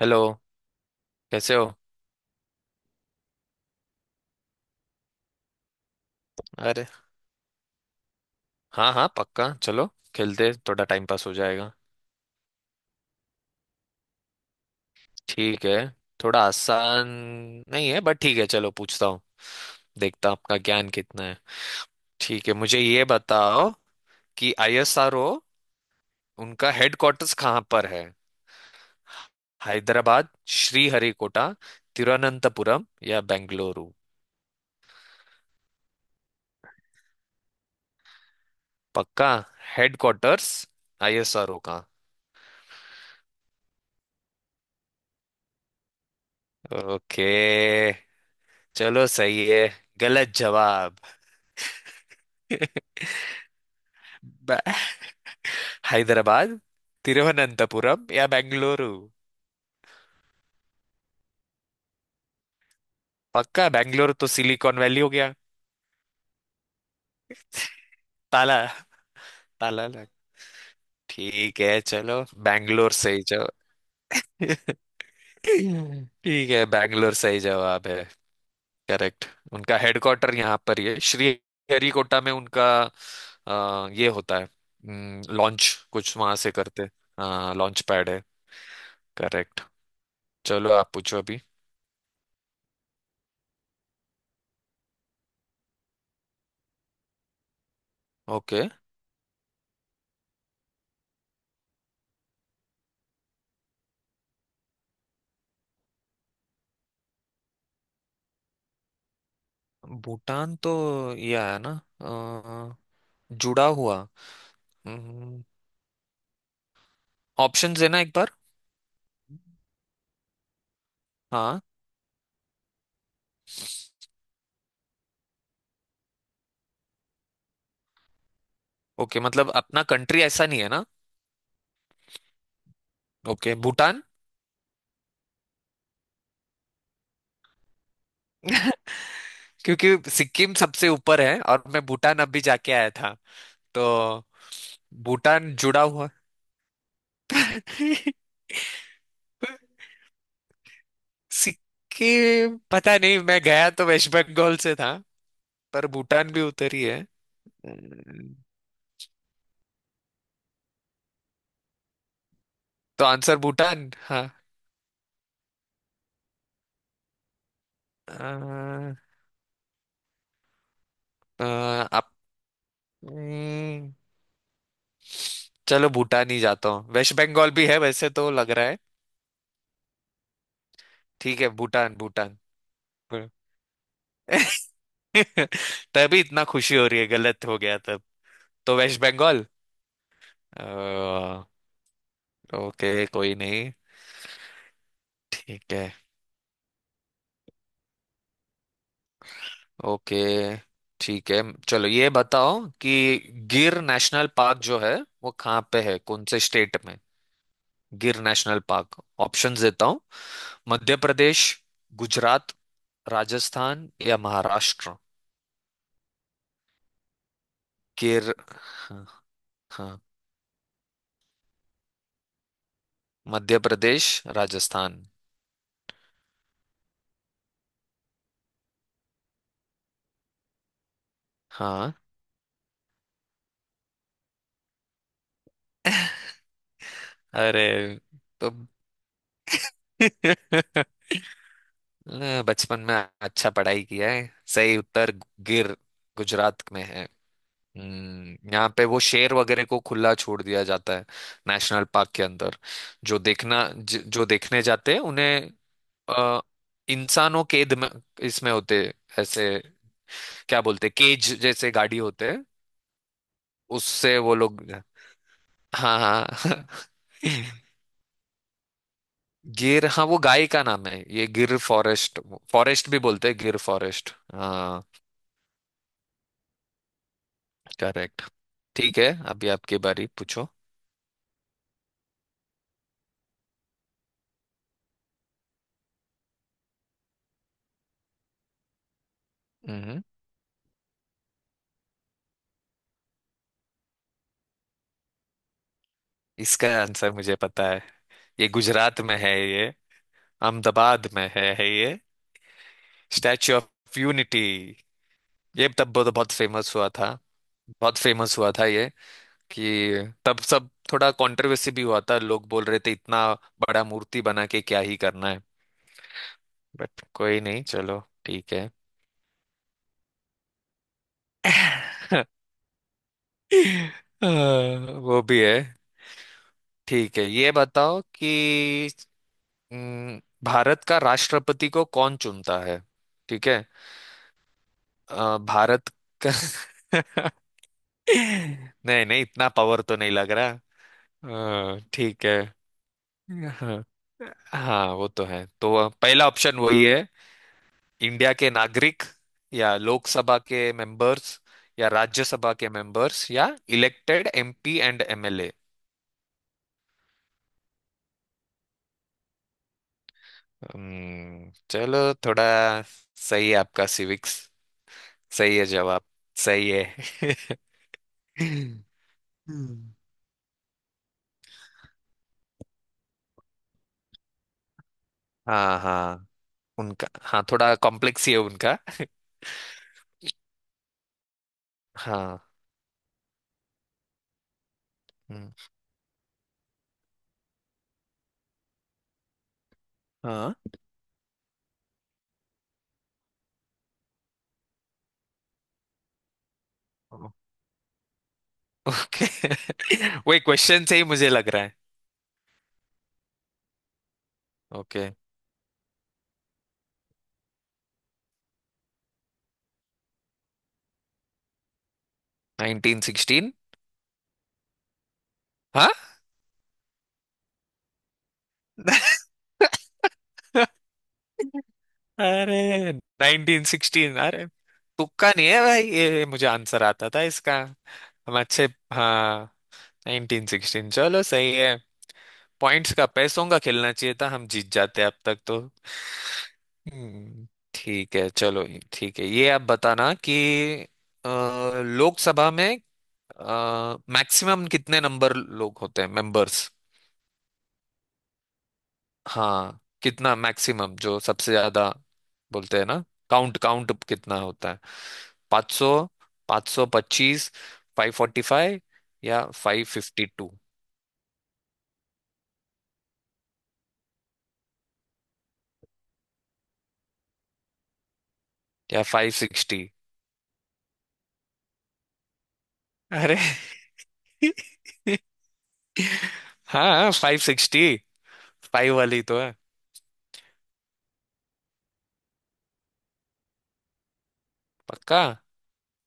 Hello. कैसे हो? अरे हाँ हाँ, पक्का। चलो, खेलते थोड़ा टाइम पास हो जाएगा। ठीक है। थोड़ा आसान नहीं है बट ठीक है, चलो पूछता हूँ। देखता हूँ आपका ज्ञान कितना है। ठीक है, मुझे ये बताओ कि आईएसआरओ, उनका हेडक्वार्टर्स कहाँ पर है? हैदराबाद, श्रीहरिकोटा, तिरुवनंतपुरम या बेंगलुरु? पक्का? हेडक्वार्टर्स आईएसआरओ का। ओके, चलो। सही है? गलत जवाब। हैदराबाद, तिरुवनंतपुरम या बेंगलुरु? पक्का? बेंगलुरु तो सिलिकॉन वैली हो गया। ताला। ताला लग। ठीक है, चलो, बेंगलोर सही जवाब। ठीक है, बेंगलोर सही जवाब है। करेक्ट। उनका हेडक्वार्टर यहाँ पर ही है, श्री हरिकोटा में उनका। ये होता है लॉन्च, कुछ वहां से करते। हाँ, लॉन्च पैड है। करेक्ट। चलो, आप पूछो अभी। ओके। भूटान तो ये आया ना, अ, जुड़ा हुआ। हम्म ऑप्शन देना एक बार। हाँ। ओके, मतलब अपना कंट्री ऐसा नहीं है ना? ओके, भूटान। क्योंकि सिक्किम सबसे ऊपर है और मैं भूटान अभी जाके आया था, तो भूटान जुड़ा हुआ। सिक्किम पता नहीं, मैं गया तो वेस्ट बंगाल से था। पर भूटान भी उतर ही है। अम्म, तो आंसर भूटान हाँ। अ, अ, आप अम्म, चलो भूटान ही जाता हूँ, वेस्ट बंगाल भी है वैसे तो लग रहा है। ठीक है, भूटान। भूटान। तभी इतना खुशी हो रही है, गलत हो गया तब। तो वेस्ट बंगाल। अ, ओके, कोई नहीं। ठीक है। ओके, ठीक है, चलो ये बताओ कि गिर नेशनल पार्क जो है वो कहाँ पे है, कौन से स्टेट में? गिर नेशनल पार्क, ऑप्शंस देता हूँ। मध्य प्रदेश, गुजरात, राजस्थान या महाराष्ट्र? गिर, हाँ। हाँ, मध्य प्रदेश, राजस्थान। हाँ, अरे, तो बचपन में अच्छा पढ़ाई किया है। सही उत्तर। गिर गुजरात में है। यहाँ पे वो शेर वगैरह को खुला छोड़ दिया जाता है, नेशनल पार्क के अंदर। जो देखना, जो देखने जाते हैं उन्हें। अ, इंसानों केद में इसमें होते हैं, ऐसे, क्या बोलते हैं, केज जैसे गाड़ी होते हैं। उससे वो लोग। हाँ हाँ। गिर, हाँ, वो गाय का नाम है, ये गिर फॉरेस्ट। फॉरेस्ट भी बोलते हैं, गिर फॉरेस्ट। हाँ, करेक्ट। ठीक है, अभी आपकी बारी, पूछो। हम्म इसका आंसर मुझे पता है। ये गुजरात में है, ये अहमदाबाद में है ये। Statue of Unity. ये तब बहुत बहुत फेमस हुआ था, बहुत फेमस हुआ था ये। कि तब सब थोड़ा कंट्रोवर्सी भी हुआ था, लोग बोल रहे थे इतना बड़ा मूर्ति बना के क्या ही करना है। बट कोई नहीं, चलो ठीक है। अ, वो भी है। ठीक है, ये बताओ कि भारत का राष्ट्रपति को कौन चुनता है? ठीक है। भारत का। नहीं नहीं, इतना पावर तो नहीं लग रहा। ठीक है। हाँ। हाँ, वो तो है, तो पहला ऑप्शन वही है। इंडिया के नागरिक, या लोकसभा के मेंबर्स, या राज्यसभा के मेंबर्स, या इलेक्टेड एमपी एंड एमएलए? चलो, थोड़ा सही है आपका सिविक्स। सही है जवाब। सही है। हम्म हाँ हाँ, उनका। हाँ, थोड़ा कॉम्प्लेक्स ही है उनका। हाँ। हम्म, हाँ, ओके। वही क्वेश्चन से ही मुझे लग रहा है। ओके, 1916। हाँ। अरे, 1916। अरे, तुक्का नहीं है भाई, ये मुझे आंसर आता था इसका। हम अच्छे। हाँ, 1916। चलो, सही है। पॉइंट्स का, पैसों का खेलना चाहिए था, हम जीत जाते अब तक तो। हम्म, ठीक है, चलो ठीक है, ये आप बताना कि अ, लोकसभा में मैक्सिमम कितने नंबर लोग होते हैं, मेंबर्स? हाँ, कितना मैक्सिमम जो सबसे ज्यादा बोलते हैं ना, काउंट काउंट कितना होता है? 500, 525, 545 या 552 या 560? अरे! हाँ, फाइव सिक्सटी, फाइव वाली तो है। पक्का?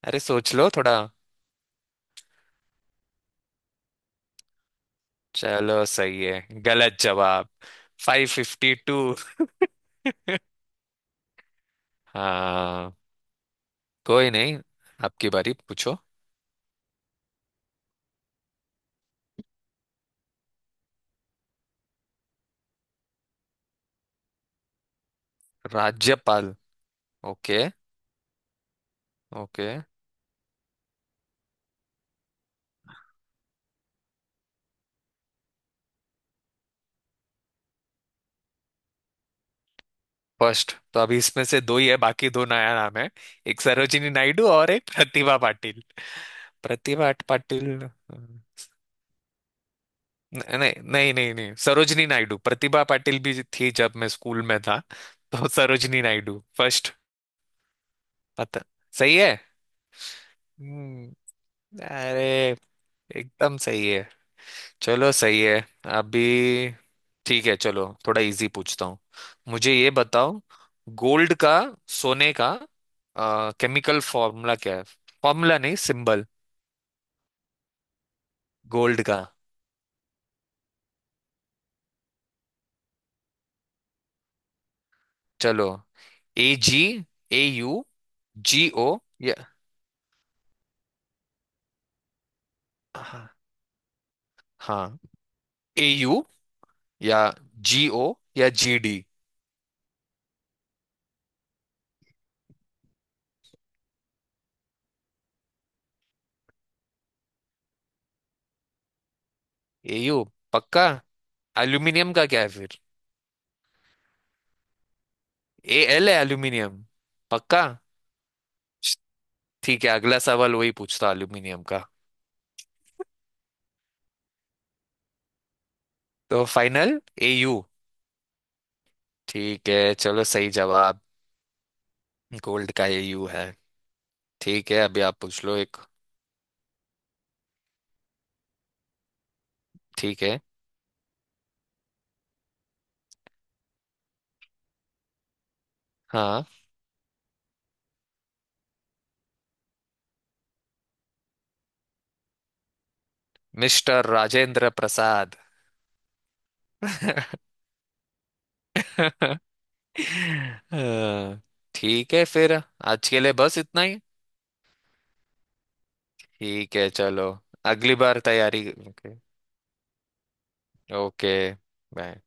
अरे, सोच लो थोड़ा। चलो, सही है? गलत जवाब। Five fifty two. हाँ, कोई नहीं। आपकी बारी, पूछो। राज्यपाल। ओके। ओके। फर्स्ट तो अभी इसमें से दो ही है, बाकी दो नया नाम है। एक सरोजिनी नायडू और एक प्रतिभा पाटिल। प्रतिभा पाटिल नहीं नहीं नहीं नहीं, सरोजिनी नायडू, प्रतिभा पाटिल भी थी जब मैं स्कूल में था। तो सरोजिनी नायडू फर्स्ट। पता। सही है। हम्म, अरे, एकदम सही है। चलो, सही है। अभी ठीक है, चलो थोड़ा इजी पूछता हूँ। मुझे ये बताओ, गोल्ड का, सोने का केमिकल फॉर्मूला क्या है? फॉर्मूला नहीं, सिंबल। गोल्ड का। चलो, A G, A U, G O या हाँ। हाँ, ए यू या जी ओ या जी डी। A U. पक्का? एल्यूमिनियम का क्या है फिर? ए एल है एल्यूमिनियम। पक्का। ठीक है, अगला सवाल वही पूछता हूँ, एल्यूमिनियम का। तो फाइनल ए यू। ठीक है, चलो, सही जवाब। गोल्ड का ए यू है। ठीक है, अभी आप पूछ लो एक। ठीक है। हाँ, मिस्टर राजेंद्र प्रसाद। हाँ। ठीक है, फिर आज के लिए बस इतना ही। ठीक है, चलो, अगली बार तैयारी। ओके। Okay, bye.